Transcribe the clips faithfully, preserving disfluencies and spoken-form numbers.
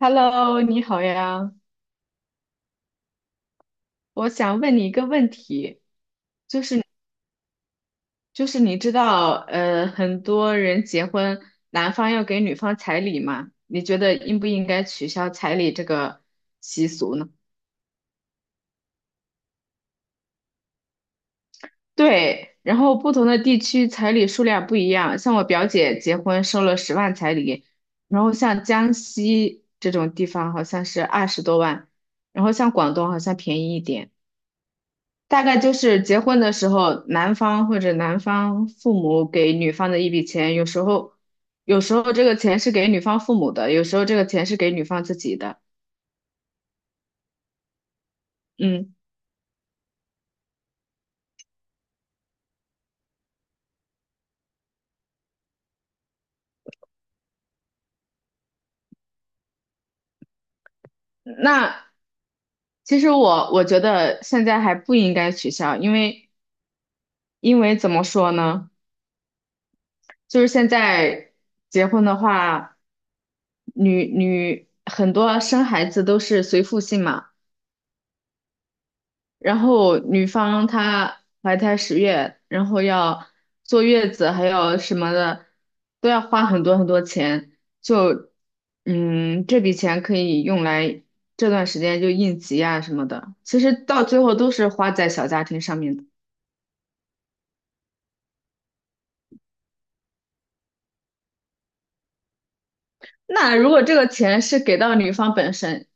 Hello，你好呀，我想问你一个问题，就是就是你知道，呃，很多人结婚，男方要给女方彩礼嘛？你觉得应不应该取消彩礼这个习俗呢？对，然后不同的地区彩礼数量不一样，像我表姐结婚收了十万彩礼，然后像江西这种地方好像是二十多万，然后像广东好像便宜一点。大概就是结婚的时候，男方或者男方父母给女方的一笔钱，有时候，有时候这个钱是给女方父母的，有时候这个钱是给女方自己的。嗯，那其实我我觉得现在还不应该取消，因为因为怎么说呢，就是现在结婚的话，女女很多生孩子都是随父姓嘛。然后女方她怀胎十月，然后要坐月子，还有什么的，都要花很多很多钱。就，嗯，这笔钱可以用来这段时间就应急啊什么的。其实到最后都是花在小家庭上面的。那如果这个钱是给到女方本身，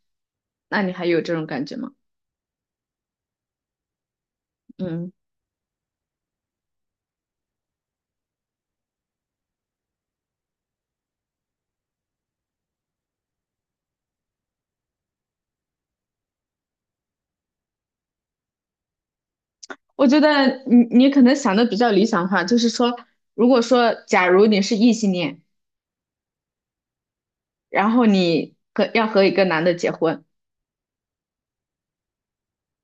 那你还有这种感觉吗？嗯，我觉得你你可能想的比较理想化，就是说，如果说假如你是异性恋。然后你和要和一个男的结婚，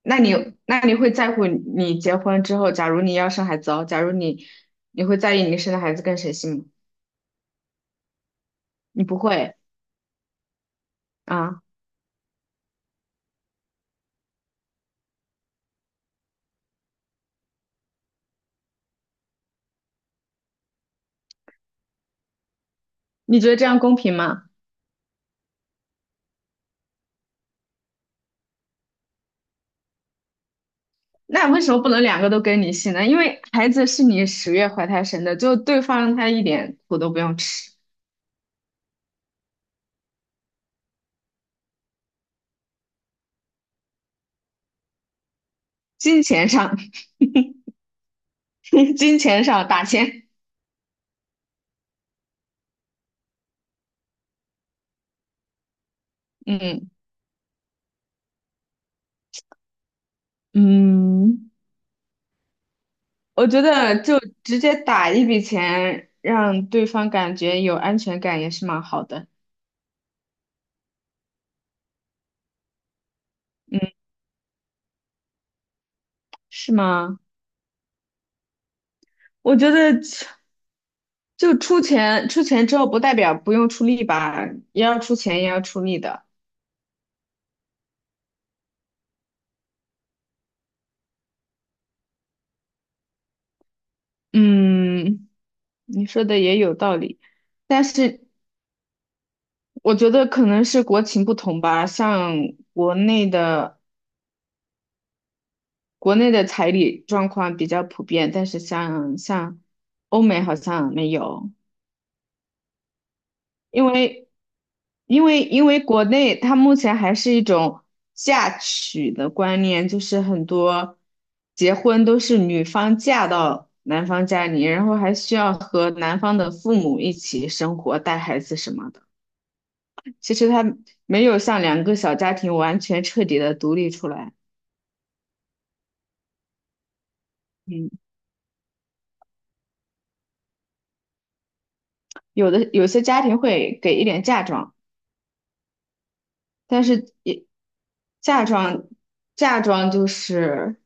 那你嗯那你会在乎你结婚之后，假如你要生孩子哦，假如你你会在意你生的孩子跟谁姓吗？你不会啊？你觉得这样公平吗？那为什么不能两个都跟你姓呢？因为孩子是你十月怀胎生的，就对方他一点苦都不用吃，金钱上 金钱上打钱，嗯嗯，我觉得就直接打一笔钱，让对方感觉有安全感也是蛮好的。嗯，是吗？我觉得就出钱，出钱之后不代表不用出力吧，也要出钱，也要出力的。嗯，你说的也有道理，但是我觉得可能是国情不同吧，像国内的国内的彩礼状况比较普遍，但是像像欧美好像没有。因为因为因为国内它目前还是一种嫁娶的观念，就是很多结婚都是女方嫁到男方家里，然后还需要和男方的父母一起生活、带孩子什么的。其实它没有像两个小家庭完全彻底的独立出来。嗯，有的有些家庭会给一点嫁妆，但是也嫁妆嫁妆就是。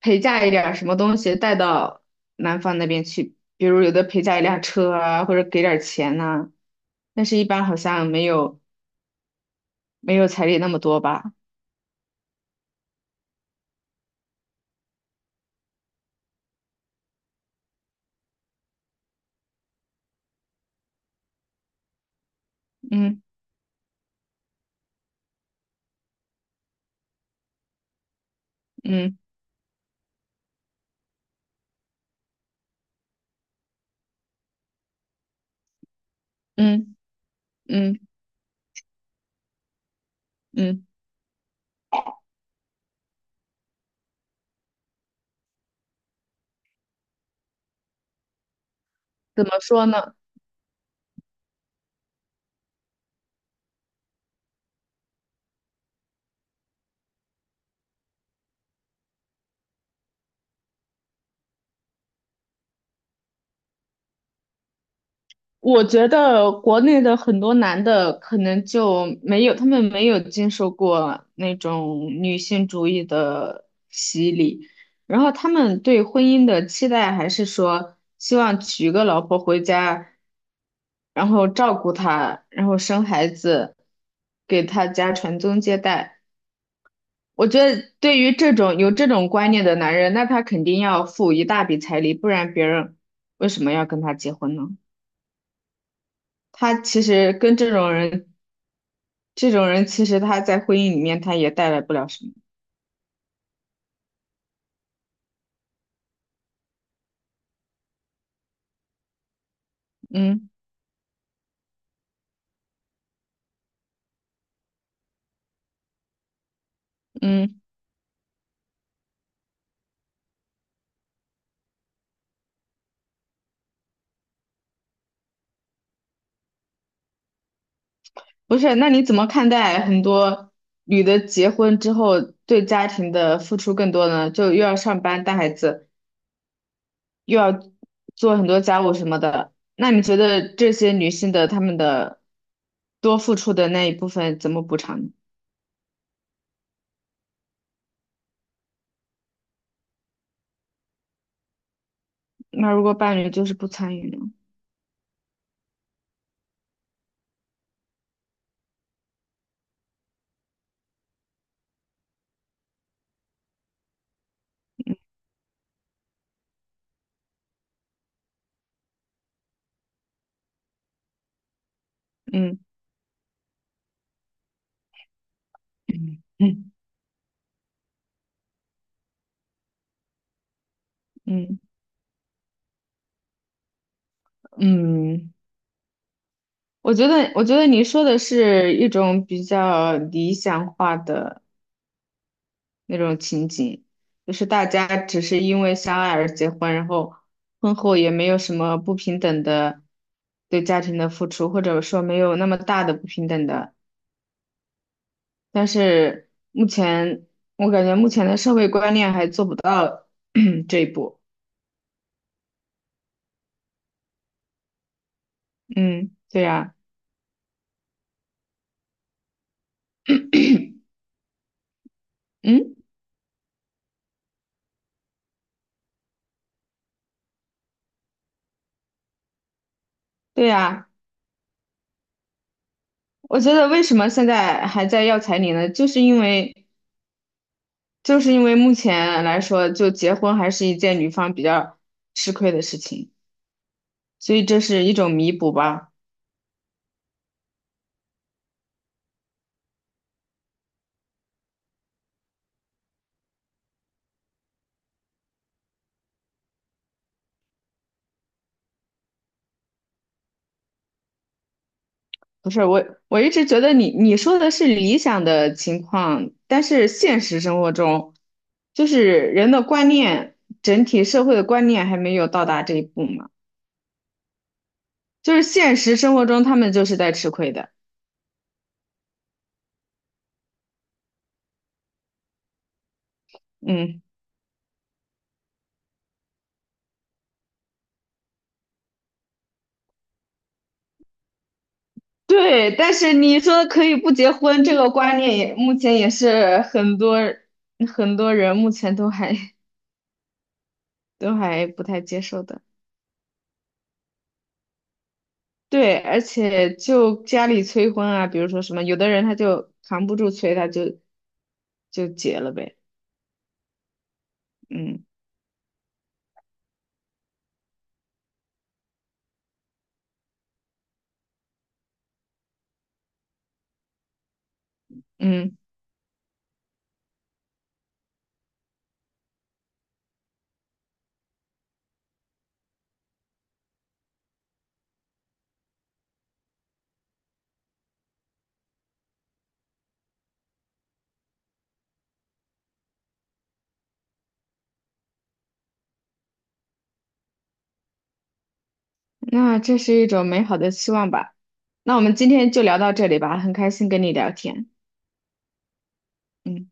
陪嫁一点儿什么东西带到男方那边去，比如有的陪嫁一辆车啊，或者给点儿钱呐、但是一般好像没有没有彩礼那么多吧？嗯嗯嗯嗯嗯，怎么说呢？我觉得国内的很多男的可能就没有，他们没有经受过那种女性主义的洗礼，然后他们对婚姻的期待还是说希望娶个老婆回家，然后照顾她，然后生孩子，给她家传宗接代。我觉得对于这种有这种观念的男人，那他肯定要付一大笔彩礼，不然别人为什么要跟他结婚呢？他其实跟这种人，这种人其实他在婚姻里面他也带来不了什么。嗯嗯，不是，那你怎么看待很多女的结婚之后对家庭的付出更多呢？就又要上班带孩子，又要做很多家务什么的。那你觉得这些女性的她们的多付出的那一部分怎么补偿呢？那如果伴侣就是不参与呢？嗯嗯嗯嗯。嗯我觉得，我觉得你说的是一种比较理想化的那种情景，就是大家只是因为相爱而结婚，然后婚后也没有什么不平等的对家庭的付出，或者说没有那么大的不平等的。但是目前，我感觉目前的社会观念还做不到 这一步。嗯，对呀。嗯，对呀，我觉得为什么现在还在要彩礼呢？就是因为就是因为目前来说，就结婚还是一件女方比较吃亏的事情，所以这是一种弥补吧。不是，我我一直觉得你你说的是理想的情况，但是现实生活中，就是人的观念，整体社会的观念还没有到达这一步嘛。就是现实生活中，他们就是在吃亏的。嗯，对。但是你说可以不结婚，这个观念也目前也是很多很多人目前都还。都还不太接受的。对，而且就家里催婚啊，比如说什么，有的人他就扛不住催，他就就结了呗。嗯嗯，那这是一种美好的期望吧。那我们今天就聊到这里吧，很开心跟你聊天。嗯，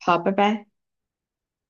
好，拜拜。